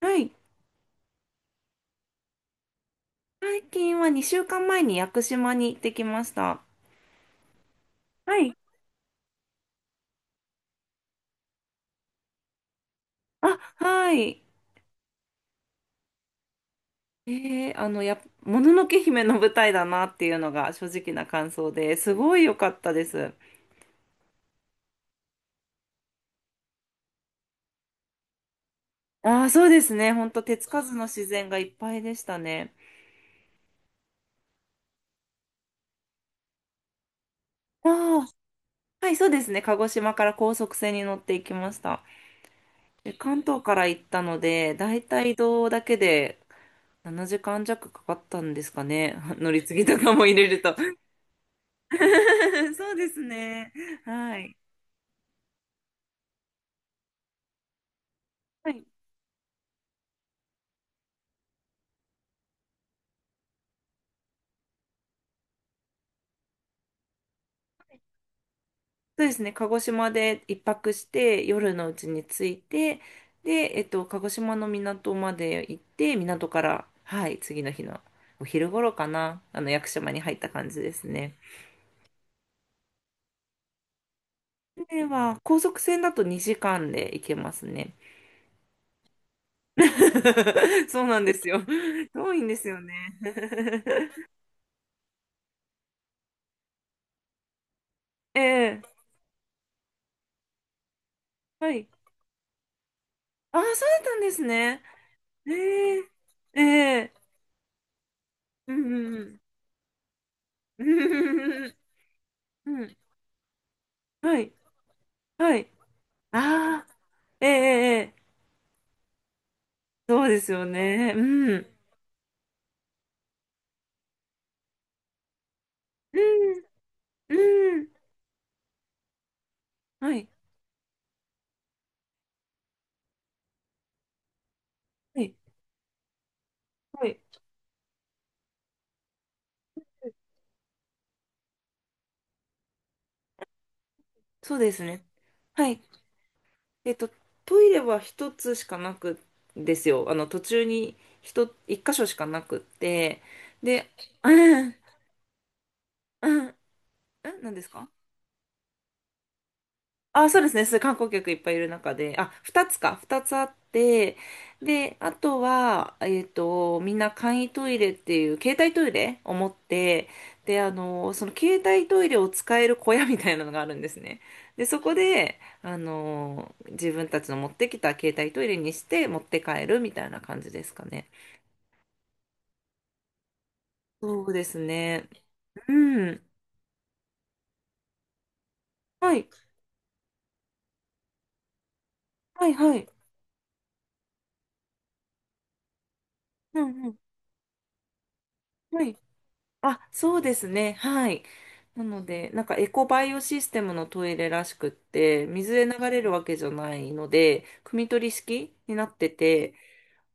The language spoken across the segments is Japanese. はい。最近は2週間前に屋久島に行ってきました。はい。あ、はい。もののけ姫の舞台だなっていうのが正直な感想ですごい良かったです。ああ、そうですね。ほんと手つかずの自然がいっぱいでしたね。ああ、はい、そうですね。鹿児島から高速船に乗っていきました。で、関東から行ったので、だいたい移動だけで7時間弱かかったんですかね。乗り継ぎとかも入れると。そうですね。はい。はい。そうですね。鹿児島で一泊して、夜のうちに着いて、で、鹿児島の港まで行って、港から、はい、次の日のお昼頃かな、屋久島に入った感じですね。では、高速船だと2時間で行けますね。そうなんですよ。遠いんですよね。ええ、はい。ああ、そうだったんですね。ええ、ええ、うんうんうん。うん。うん、はい。はい。ああ、ええ、ええ、ええ、そうですよね。うん。うん。うん。はい。はい。はい。そうですね。はい。えっと、トイレは一つしかなくんですよ。途中に一箇所しかなくって。で、うん。うん。うん。何ですか？あ、そうですね。そう、観光客いっぱいいる中で、あ、二つか、二つあって、で、あとは、みんな簡易トイレっていう、携帯トイレを持って、で、その携帯トイレを使える小屋みたいなのがあるんですね。で、そこで、自分たちの持ってきた携帯トイレにして持って帰るみたいな感じですかね。そうですね。うん。はい、はい、はい。うん、うん。はい。あ、そうですね。はい。なので、なんかエコバイオシステムのトイレらしくって、水で流れるわけじゃないので、汲み取り式になってて、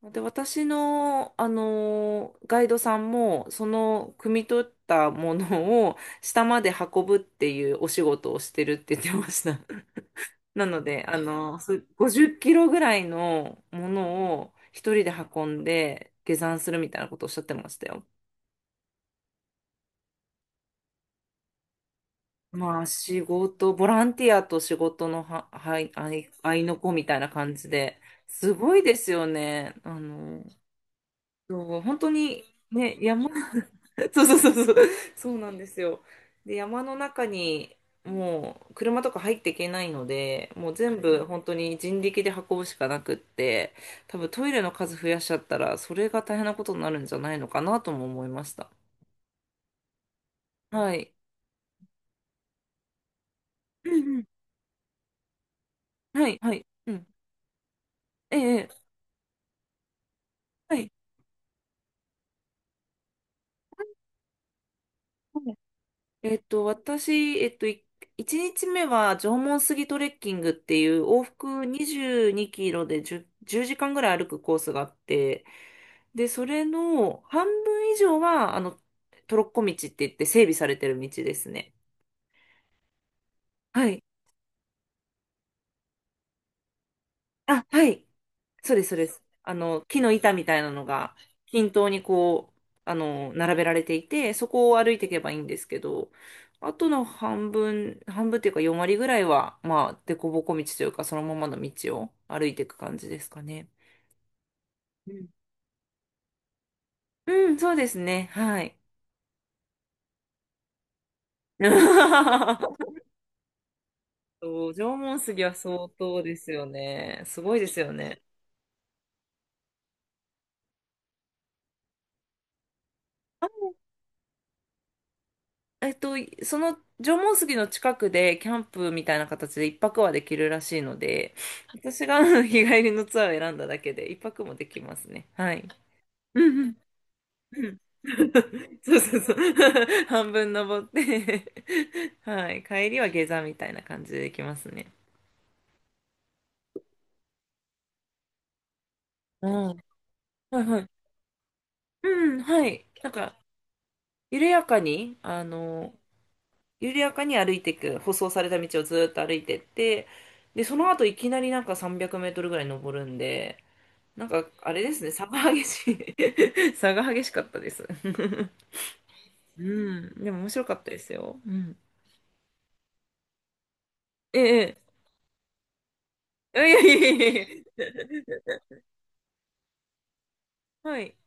で、私の、ガイドさんも、その、汲み取ったものを下まで運ぶっていうお仕事をしてるって言ってました。なので、あのーそ50キロぐらいのものを一人で運んで下山するみたいなことをおっしゃってましたよ。まあ仕事、ボランティアと仕事のは、はい、合いの子みたいな感じで、すごいですよね。あの、そう本当にね、山、そうそうそうそう、そうなんですよ。で、山の中にもう車とか入っていけないので、もう全部本当に人力で運ぶしかなくって、多分トイレの数増やしちゃったら、それが大変なことになるんじゃないのかなとも思いました。はい。うんうん。はい、はい。うん。ええ、ええ、はい。はい。えっと、私、えっと、い1日目は縄文杉トレッキングっていう往復22キロで10、時間ぐらい歩くコースがあって、で、それの半分以上は、トロッコ道って言って整備されてる道ですね。はい。あ、はい。そうです、そうです。あの、木の板みたいなのが均等にこう、並べられていて、そこを歩いていけばいいんですけど、あとの半分っていうか4割ぐらいは、まあ、凸凹道というか、そのままの道を歩いていく感じですかね。うん、うん、そうですね。はい。そう、縄文杉は相当ですよね。すごいですよね。えっと、その縄文杉の近くでキャンプみたいな形で一泊はできるらしいので、私があの日帰りのツアーを選んだだけで一泊もできますね。はい。うんうんうん。そうそうそう。半分登って はい。帰りは下山みたいな感じでできますね。うん。はいはい。うん、はい。なんか、緩やかに、あの、緩やかに歩いていく、舗装された道をずーっと歩いてって、で、その後いきなりなんか300メートルぐらい登るんで、なんかあれですね、差が激しい 差が激しかったです うん、でも面白かったですよ。うん。ええ、ええ、いやいやいやいやいや、はい、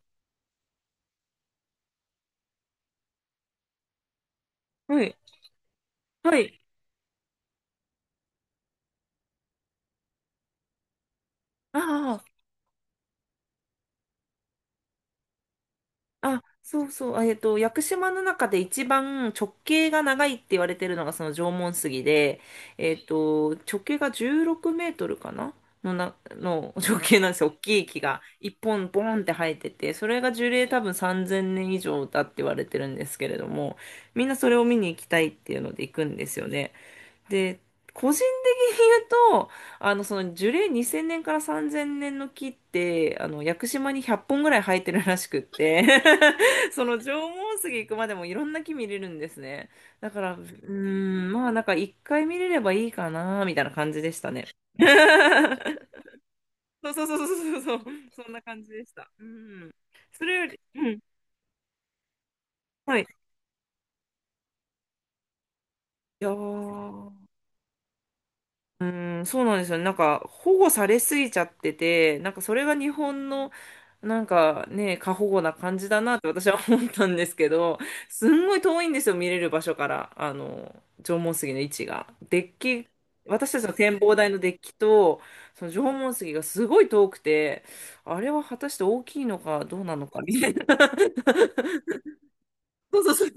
はい、はい。ああ、あ、そうそう。屋久島の中で一番直径が長いって言われてるのがその縄文杉で、えっと、直径が16メートルかなの直径なんですよ。大きい木が一本ボーンって生えてて、それが樹齢多分3000年以上だって言われてるんですけれども、みんなそれを見に行きたいっていうので行くんですよね。で、個人的に言うと、あの、その樹齢2000年から3000年の木って、あの、屋久島に100本ぐらい生えてるらしくって、その縄文杉行くまでもいろんな木見れるんですね。だから、うーん、まあなんか一回見れればいいかな、みたいな感じでしたね。そうそうそうそうそうそう、そんな感じでした。うん。それより、うん。はい。やーうーん、そうなんですよね。なんか保護されすぎちゃってて、なんかそれが日本のなんかね、過保護な感じだなって私は思ったんですけど、すんごい遠いんですよ、見れる場所から、あの、縄文杉の位置が。デッキ、私たちの展望台のデッキと、その縄文杉がすごい遠くて、あれは果たして大きいのかどうなのかみたいな。そうそう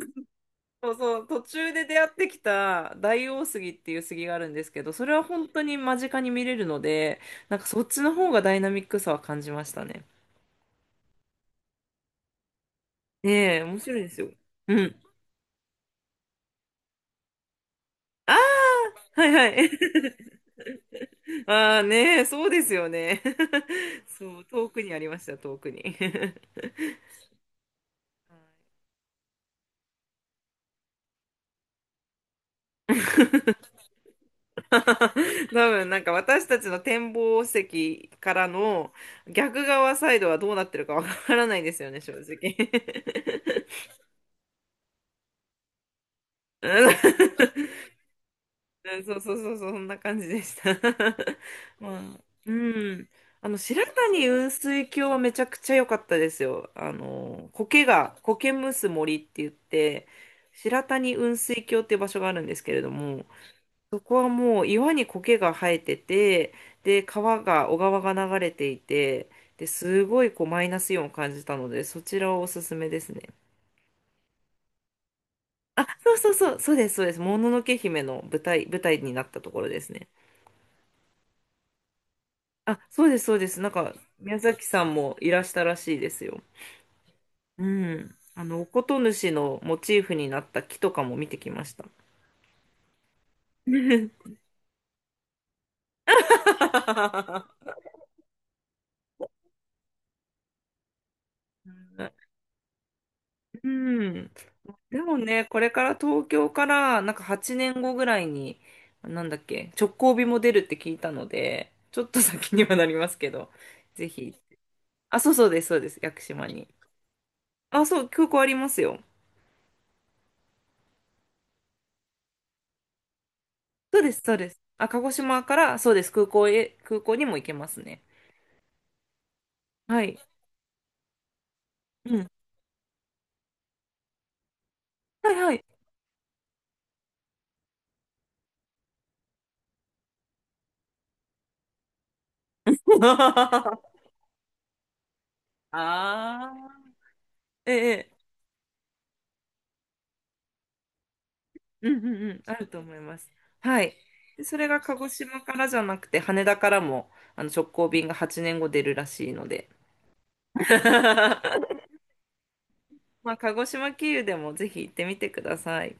そうそう、途中で出会ってきた大王杉っていう杉があるんですけど、それは本当に間近に見れるので、なんかそっちの方がダイナミックさは感じましたね。ねえ、面白いですよ。うん。ああ、はいはい。ああねえ、そうですよね。そう、遠くにありました、遠くに。多分なんか私たちの展望席からの逆側サイドはどうなってるかわからないですよね、正直。うんうん、そうそうそうそう、そんな感じでした。まあ、うん。あの、白谷雲水峡はめちゃくちゃ良かったですよ。あの、苔むす森って言って、白谷雲水峡っていう場所があるんですけれども、そこはもう岩に苔が生えてて、で、小川が流れていて、で、すごいこうマイナスイオンを感じたので、そちらをおすすめですね。あ、そうそうそう、そうです、そうです。もののけ姫の舞台になったところですね。あ、そうです、そうです。なんか、宮崎さんもいらしたらしいですよ。うん。あの、おことぬしのモチーフになった木とかも見てきました。うん。でもね、これから東京から、なんか8年後ぐらいに、なんだっけ、直行便も出るって聞いたので、ちょっと先にはなりますけど、ぜひ。あ、そうそうです、そうです、屋久島に。あ、そう、空港ありますよ。そうです、そうです。あ、鹿児島から、そうです、空港にも行けますね。はい。うん。はいはい。ああ、ええ、うんうんうん、あると思います。はい。でそれが鹿児島からじゃなくて、羽田からもあの直行便が8年後出るらしいので、まあ、鹿児島経由でもぜひ行ってみてください。